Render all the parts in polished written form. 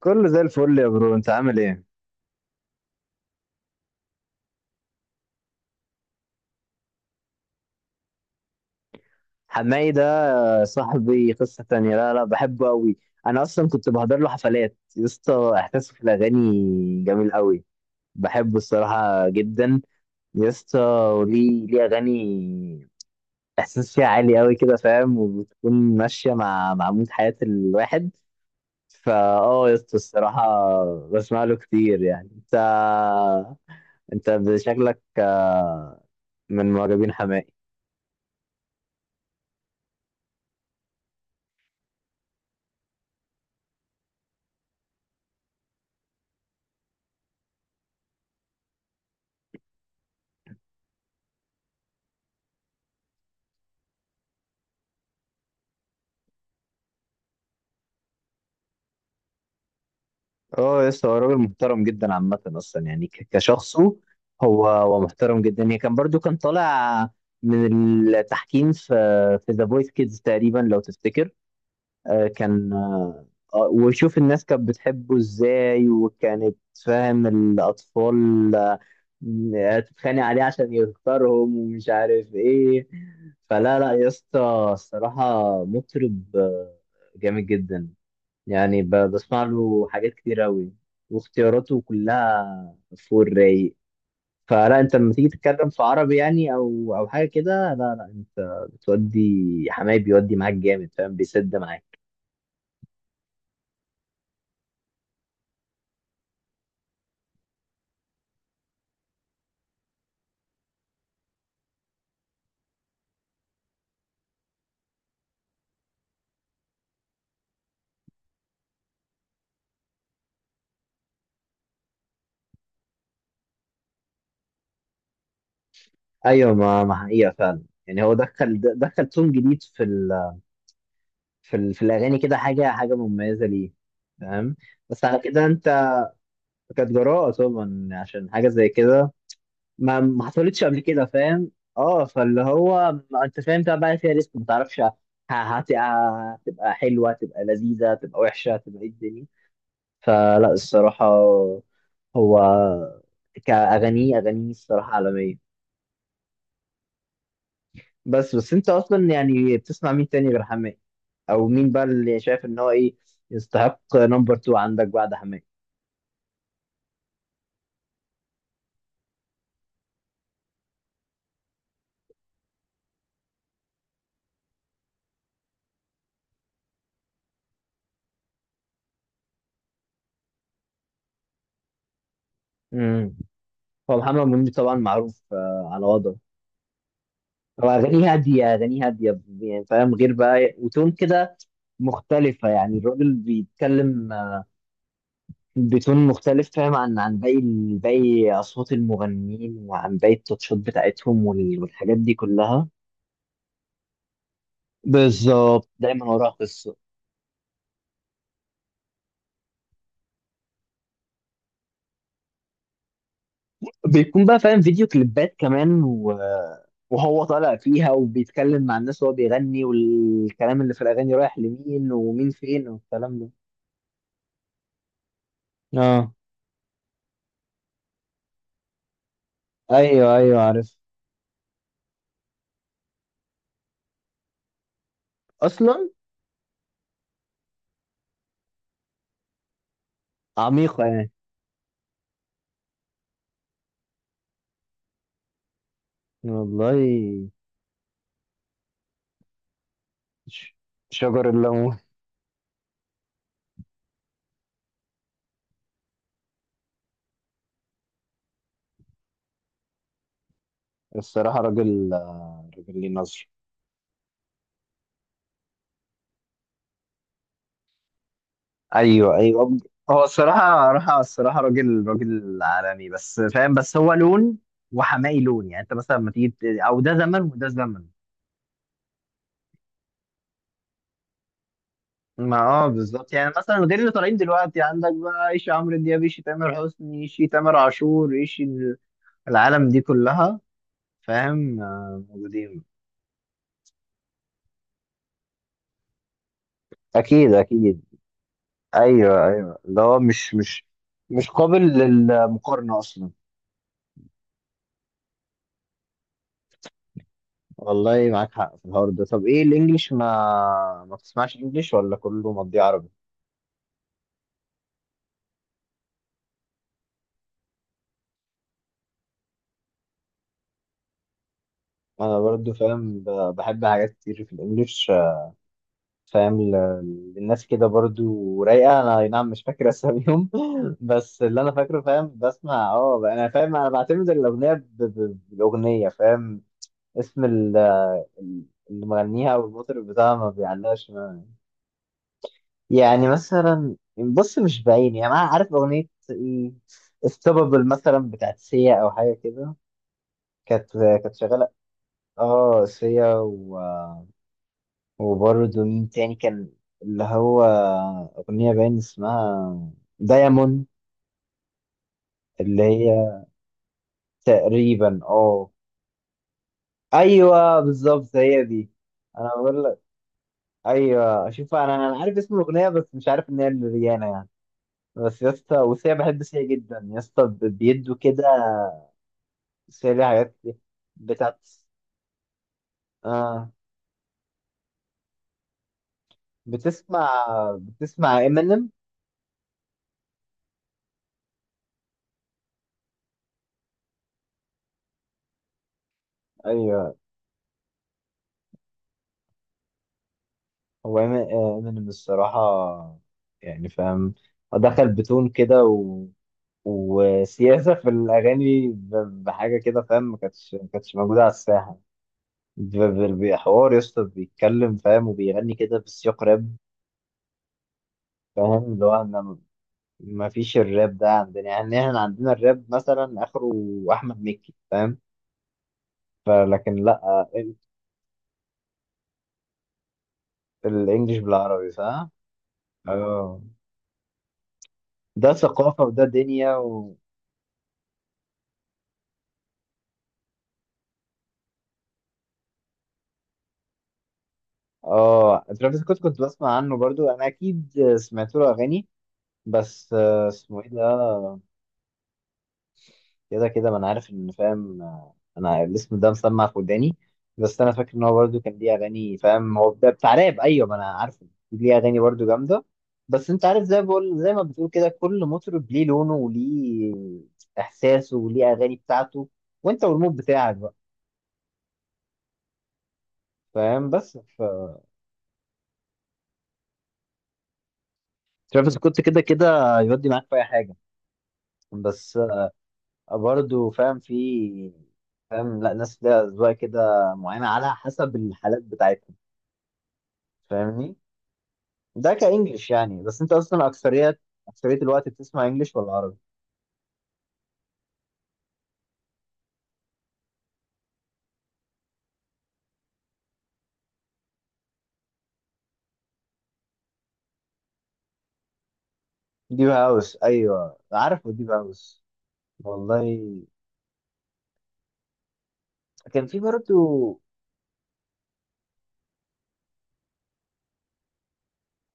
كله زي الفل يا برو، انت عامل ايه؟ حماي ده صاحبي، قصة تانية. لا لا، بحبه قوي. انا اصلا كنت بحضر له حفلات يا اسطى، احساسه في الاغاني جميل قوي. بحبه الصراحة جدا يا اسطى. وليه اغاني احساس فيها عالي قوي كده، فاهم؟ وبتكون ماشية مع مود حياة الواحد. فا اه يا اسطى، الصراحة بسمع له كتير. يعني انت، انت شكلك من معجبين حماقي. اه، لسه هو راجل محترم جدا عامة، أصلا يعني كشخصه. هو محترم جدا. يعني كان برضو كان طالع من التحكيم في ذا فويس كيدز تقريبا، لو تفتكر. آه، كان آه، وشوف الناس كانت بتحبه ازاي، وكانت فاهم الأطفال تتخانق عليه عشان يختارهم، ومش عارف ايه. فلا لا يا اسطى، الصراحة مطرب جامد جدا. يعني بسمع له حاجات كتير أوي. واختياراته كلها فوق الرايق. فلا، انت لما تيجي تتكلم في عربي يعني، او حاجه كده، لا لا انت بتودي. حماي بيودي معاك جامد، فاهم؟ بيسد معاك. ايوه، ما حقيقه فعلا. يعني هو دخل تون جديد في الاغاني كده، حاجه حاجه مميزه ليه، فاهم؟ بس على كده انت، كانت جراءه طبعا، عشان حاجه زي كده ما حصلتش قبل كده، فاهم؟ اه، فاللي هو ما انت فاهم ده بقى فيها ريسك، ما تعرفش هتبقى حلوه، هتبقى لذيذه، هتبقى وحشه، هتبقى ايه الدنيا. فلا الصراحه هو كاغانيه اغانيه الصراحه عالميه. بس انت اصلا يعني بتسمع مين تاني غير حماقي؟ او مين بقى اللي شايف ان هو ايه يستحق نمبر 2 عندك بعد حماقي؟ امم هو محمد منير طبعا معروف على وضعه. هو أغانيه هادية، أغانيه هادية يعني فاهم، غير بقى، وتون كده مختلفة. يعني الراجل بيتكلم بتون مختلف، فاهم؟ عن باقي، باقي أصوات المغنيين، وعن باقي التاتشات بتاعتهم، والحاجات دي كلها. بالظبط، دايما وراها قصة. بيكون بقى فاهم فيديو كليبات كمان، و... وهو طالع فيها وبيتكلم مع الناس وهو بيغني، والكلام اللي في الأغاني رايح لمين، ومين فين، والكلام ده. اه. ايوه ايوه، عارف. اصلا عميقة يعني. والله. ش- شجر الليمون. الصراحة راجل راجل ليه نظر. ايوه ايوه هو الصراحة الصراحة راجل، راجل عالمي بس فاهم، بس هو لون، وحمائي لون. يعني انت مثلا لما تيجي او ده زمن وده زمن. ما اه بالظبط، يعني مثلا غير اللي طالعين دلوقتي عندك بقى، ايش عمرو دياب، ايش تامر حسني، ايش تامر عاشور، ايش العالم دي كلها، فاهم؟ موجودين. اكيد اكيد. ايوه ايوه اللي هو مش مش قابل للمقارنه اصلا. والله معاك حق في الحوار ده. طب ايه الانجليش؟ ما بتسمعش انجليش، ولا كله مضيع عربي؟ انا برضو فاهم، بحب حاجات كتير في الانجليش، فاهم؟ للناس كده برضو رايقه، انا أي نعم مش فاكر اساميهم بس اللي انا فاكره، فاهم، بسمع. اه انا فاهم، انا بعتمد الاغنيه بالاغنيه، فاهم؟ اسم اللي مغنيها والمطرب بتاعها ما بيعلقش. يعني مثلا بص، مش باين يعني، انا عارف اغنيه ايه، استوبابل مثلا بتاعت سيا، او حاجه كده، كانت كانت شغاله. اه، سيا، و... وبرضه مين تاني كان اللي هو اغنيه باين اسمها دايموند، اللي هي تقريبا اه. ايوه بالظبط هي دي. انا بقول لك، ايوه شوف، انا عارف اسم الاغنيه بس مش عارف ان هي لريانا يعني. بس يا اسطى، وسيا، بحب سيا جدا يا اسطى، بيدوا كده. بس هي ليها حاجات كتير. بتاعت. آه. بتسمع بتسمع امينيم؟ ايوه. هو امينيم الصراحة يعني فاهم، دخل بتون كده، و... وسياسة في الأغاني بحاجة كده، فاهم؟ ما كانتش موجودة على الساحة. بحوار يا اسطى، بيتكلم فاهم، وبيغني كده بسياق راب، فاهم؟ اللي هو احنا ما فيش الراب ده عندنا يعني. احنا عندنا الراب مثلا آخره أحمد مكي، فاهم؟ فلكن لأ، الانجليش بالعربي، صح؟ اه، ده ثقافة وده دنيا. و... اه، ترافيس سكوت كنت بسمع عنه برضو، انا اكيد سمعت له اغاني، بس اسمه ايه ده؟ كده كده ما انا عارف ان فاهم، انا الاسم ده مسمع في وداني. بس انا فاكر ان هو برضو كان ليه اغاني، فاهم، هو ده بتاع راب، ايوه ما انا عارفه. ليه اغاني برضو جامدة. بس انت عارف، زي ما بقول، زي ما بتقول كده، كل مطرب ليه لونه، وليه احساسه، وليه اغاني بتاعته، وانت والمود بتاعك بقى، فاهم؟ بس ترافيس كنت كده كده يودي معاك في اي حاجه. بس برضه فاهم في، فاهم، لا ناس ليها اذواق كده معينه على حسب الحالات بتاعتهم. فاهمني؟ ده كانجلش يعني. بس انت اصلا اكثريات، اكثريه الوقت بتسمع انجلش ولا عربي؟ ديب هاوس، ايوه عارف ديب هاوس. والله كان في برضه،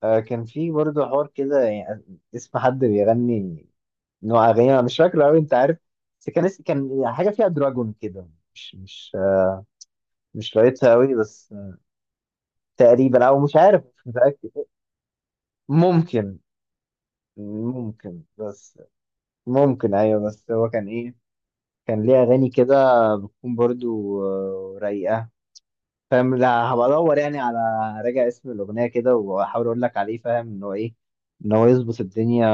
كان في برضه حوار كده. يعني اسم حد بيغني نوع اغاني انا مش فاكره قوي، انت عارف؟ بس كان كان حاجه فيها دراجون كده، مش مش لقيتها قوي، بس تقريبا، او مش عارف، مش متاكد. ممكن، ممكن بس. ممكن ايوه، بس هو كان ايه، كان ليه اغاني كده تكون برضو رايقه، فاهم؟ لا، هبقى ادور يعني على راجع اسم الاغنيه كده، واحاول اقول لك عليه، فاهم ان هو ايه، ان هو يظبط الدنيا.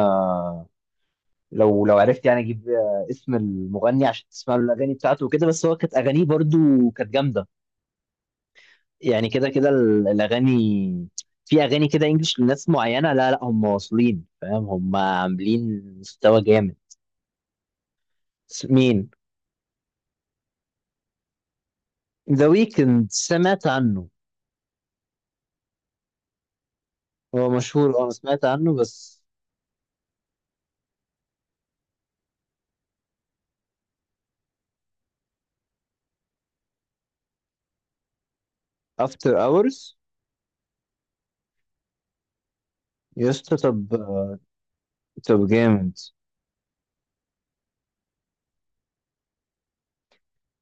لو عرفت يعني اجيب اسم المغني عشان تسمع له الاغاني بتاعته وكده. بس هو كانت اغانيه برضو كانت جامده. يعني كده كده الاغاني. في اغاني كده انجلش لناس معينه، لا لا هم واصلين، فاهم؟ هم عاملين مستوى جامد. مين؟ ذا ويكند سمعت عنه. هو مشهور اه، سمعت عنه بس. افتر اورز؟ يسطا طب، طب جامد.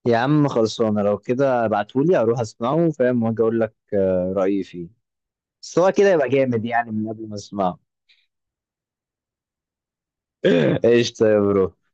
يا عم خلصانه، لو كده ابعتهولي، اروح اسمعه، فاهم، واجي اقول لك رايي فيه. بس هو كده يبقى جامد يعني من قبل ما اسمعه. ايش طيب برو.